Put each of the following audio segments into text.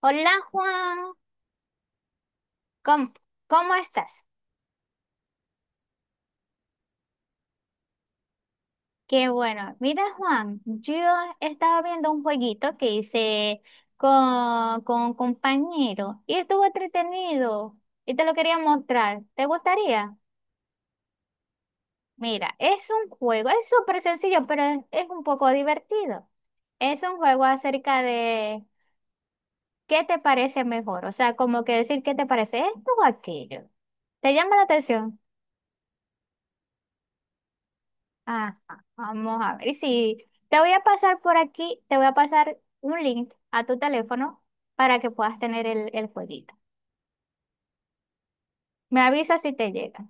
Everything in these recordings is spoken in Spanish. Hola Juan, ¿cómo, cómo estás? Qué bueno. Mira Juan, yo estaba viendo un jueguito que hice con un compañero y estuvo entretenido y te lo quería mostrar. ¿Te gustaría? Mira, es un juego, es súper sencillo, pero es un poco divertido. Es un juego acerca de qué te parece mejor, o sea, como que decir qué te parece esto o aquello. ¿Te llama la atención? Ajá, vamos a ver. Y si te voy a pasar por aquí, te voy a pasar un link a tu teléfono para que puedas tener el jueguito. Me avisas si te llega.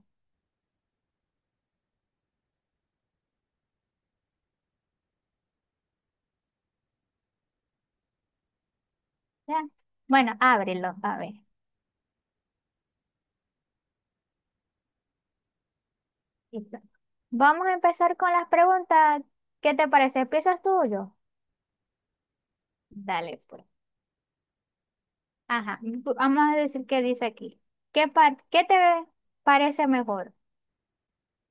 ¿Ya? Bueno, ábrelo, a ver. Listo. Vamos a empezar con las preguntas. ¿Qué te parece? ¿Empiezas tú o yo? Dale, pues. Ajá, vamos a decir qué dice aquí. ¿Qué te parece mejor?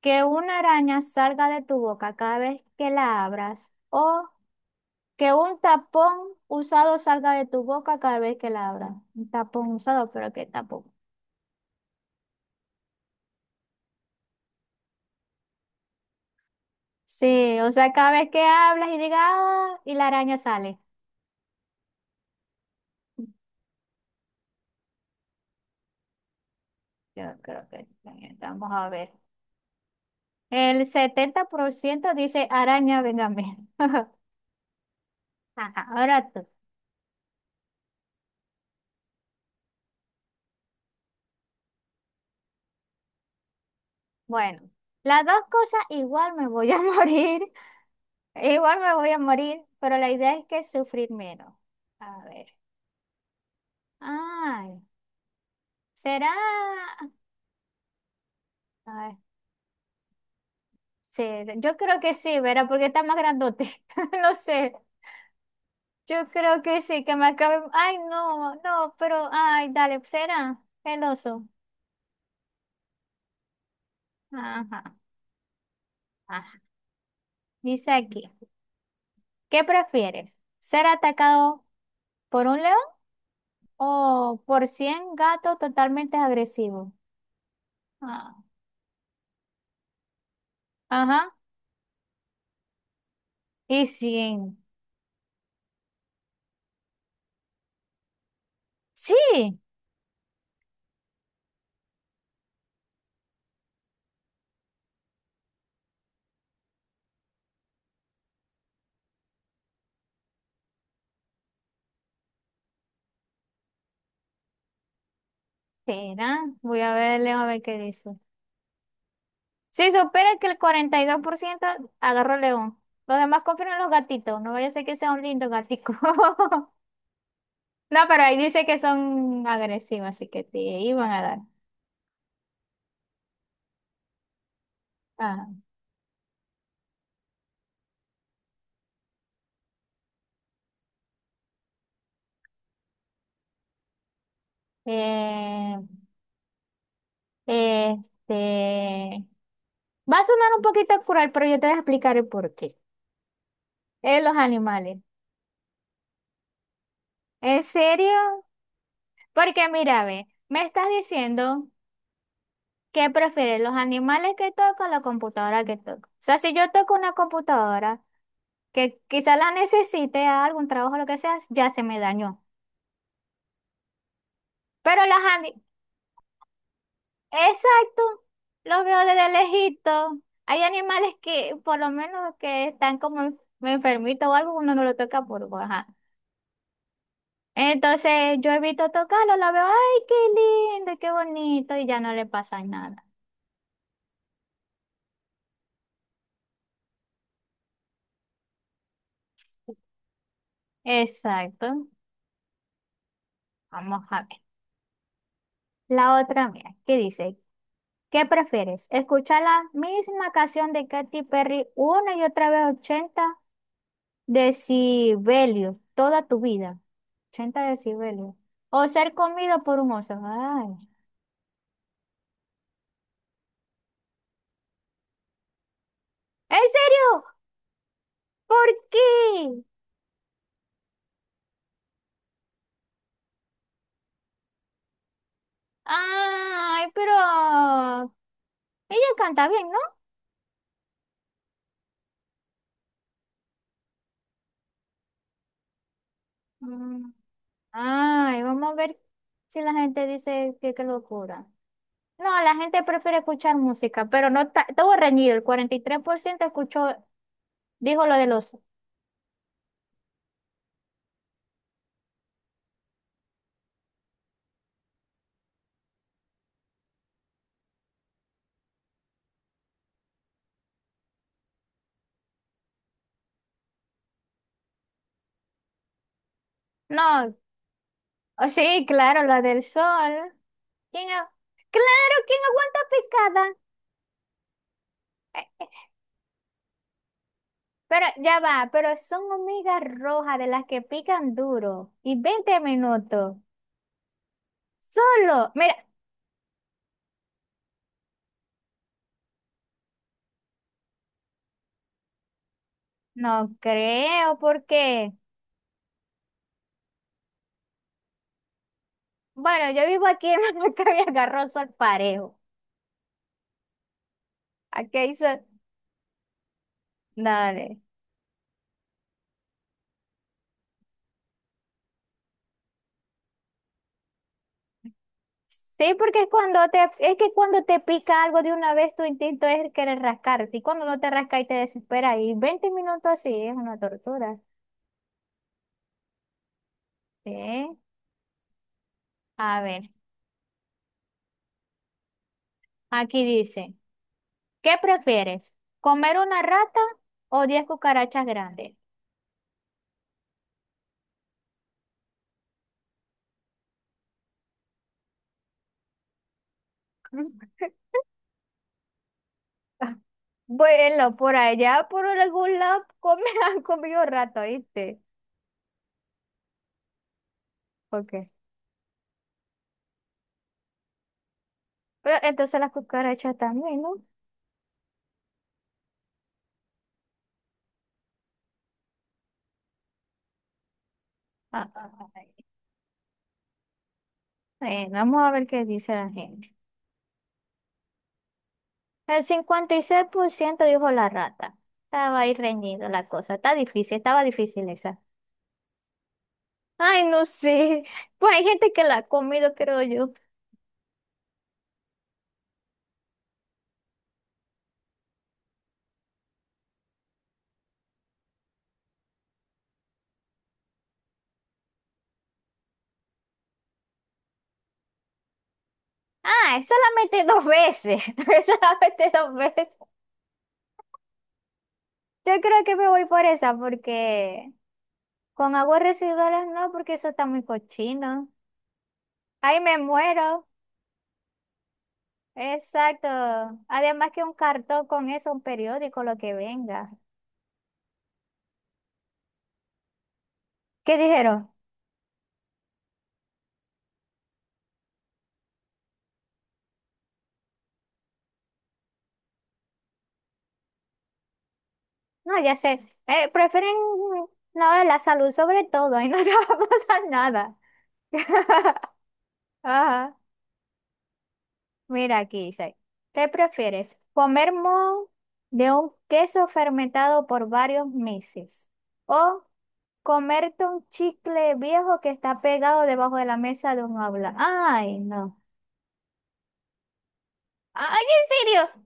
¿Que una araña salga de tu boca cada vez que la abras? ¿O que un tapón usado salga de tu boca cada vez que la abras? Un tapón usado, pero ¿qué tapón? Sí, o sea, cada vez que hablas y digas, "Ah", y la araña sale. Yo creo que también, vamos a ver. El 70% dice araña, véngame. Ajá, ahora tú. Bueno, las dos cosas igual me voy a morir, igual me voy a morir, pero la idea es que sufrir menos. A ver. Ay, será. Ay, sí, yo creo que sí, Vera, porque está más grandote. No sé, yo creo que sí, que me acabe. Ay, no, no, pero, ay, dale, será el oso. Ajá, ajá. Dice aquí, ¿qué prefieres? ¿Ser atacado por un león o por 100 gatos totalmente agresivos? Ah, ajá, y 100. Sí, será. Voy a ver el león a ver qué dice. Si supera que el 42% agarró león. Los demás confirman los gatitos. No vaya a ser que sea un lindo gatico. No, pero ahí dice que son agresivos, así que te iban a dar. Ah, eh, este. Va a sonar un poquito cruel, pero yo te voy a explicar el por qué. Los animales. ¿En serio? Porque mira, ve, me estás diciendo que prefieres los animales que toco o la computadora que toco. O sea, si yo toco una computadora, que quizás la necesite a algún trabajo, lo que sea, ya se me dañó. Pero las ani- exacto, los veo desde lejito. Hay animales que, por lo menos, que están como enfermitos o algo, uno no lo toca por baja. Entonces yo evito tocarlo, la veo, ay, qué lindo, qué bonito, y ya no le pasa nada. Exacto. Vamos a ver. La otra, mía, ¿qué dice? ¿Qué prefieres? ¿Escuchar la misma canción de Katy Perry una y otra vez 80 decibelios, toda tu vida? 80 decibelios. ¿O ser comido por un oso? Ay. ¿En serio? ¿Por qué? Ay, pero ella canta bien, ¿no? Mm. Ay, vamos a ver si la gente dice que qué locura. No, la gente prefiere escuchar música, pero no estuvo reñido. El 43% escuchó, dijo lo del oso. No, oh, sí, claro, lo del sol. ¿Quién a- Claro, ¿quién aguanta picada? Eh, Pero ya va, pero son hormigas rojas de las que pican duro y 20 minutos. Solo, mira, no creo porque, bueno, yo vivo aquí en Maccabi agarró sol parejo. Aquí hay sol, dale. Sí, porque es cuando te, es que cuando te pica algo de una vez tu instinto es querer rascarte y cuando no te rasca y te desespera y 20 minutos así es una tortura. Sí, a ver, aquí dice. ¿Qué prefieres? ¿Comer una rata o 10 cucarachas grandes? Bueno, por allá, por algún lado, han comido rato, ¿viste? ¿Por qué? Pero entonces las cucarachas también, ¿no? Ah, ah, ah. Bueno, vamos a ver qué dice la gente. El 56% dijo la rata. Estaba ahí reñido la cosa. Está difícil, estaba difícil esa. Ay, no sé. Pues hay gente que la ha comido, creo yo. Ah, solamente dos veces. Solamente dos veces. Yo creo que me voy por esa porque con aguas residuales no, porque eso está muy cochino. Ahí me muero. Exacto. Además que un cartón con eso, un periódico, lo que venga. ¿Qué dijeron? No, ya sé. Prefieren no, la salud sobre todo y no te va a pasar nada. Ajá. Mira, aquí dice, ¿qué prefieres? ¿Comer moho de un queso fermentado por varios meses? ¿O comerte un chicle viejo que está pegado debajo de la mesa de un aula? Ay, no. Ay, ¿en serio?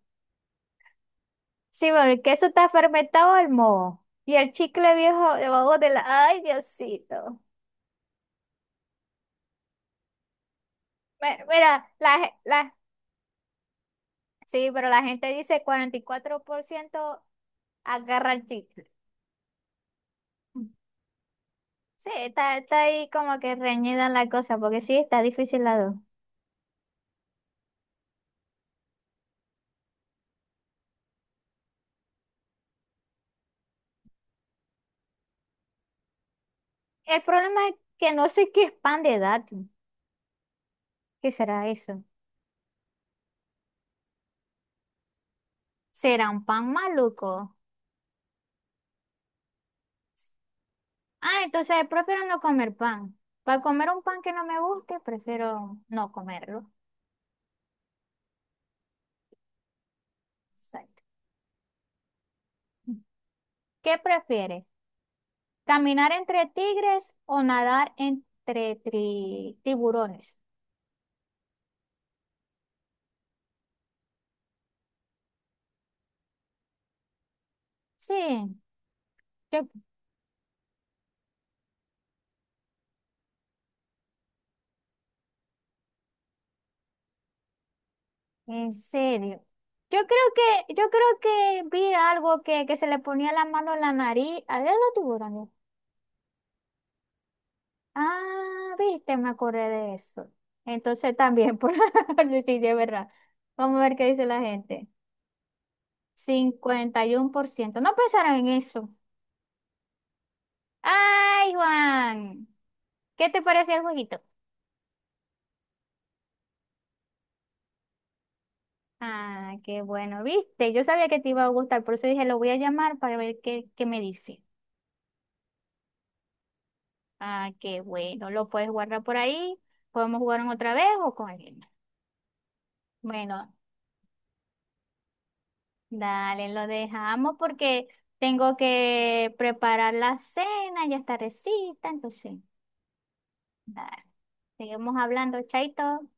Sí, bueno, el queso está fermentado el moho. Y el chicle viejo debajo de la... Ay, Diosito. Mira, la, la... Sí, pero la gente dice 44% agarra el chicle. Sí, está, está ahí como que reñida la cosa, porque sí, está difícil la dos. El problema es que no sé qué es pan de dato. ¿Qué será eso? ¿Será un pan maluco? Ah, entonces prefiero no comer pan. Para comer un pan que no me guste, prefiero no comerlo. Exacto. ¿Qué prefieres? ¿Caminar entre tigres o nadar entre tiburones? Sí, yo. En serio. Yo creo yo creo que vi algo que se le ponía la mano en la nariz. A ver, lo tuvo también. Ah, viste, me acordé de eso. Entonces también, por sí, sí, verdad. Vamos a ver qué dice la gente. 51%. No pensaron en eso. Ay, Juan. ¿Qué te parece el jueguito? Ah, qué bueno, viste. Yo sabía que te iba a gustar, por eso dije, lo voy a llamar para ver qué, qué me dice. Ah, qué bueno. Lo puedes guardar por ahí. Podemos jugar en otra vez o con alguien. Bueno, dale, lo dejamos porque tengo que preparar la cena, ya está recita, entonces, dale. Seguimos hablando, chaito.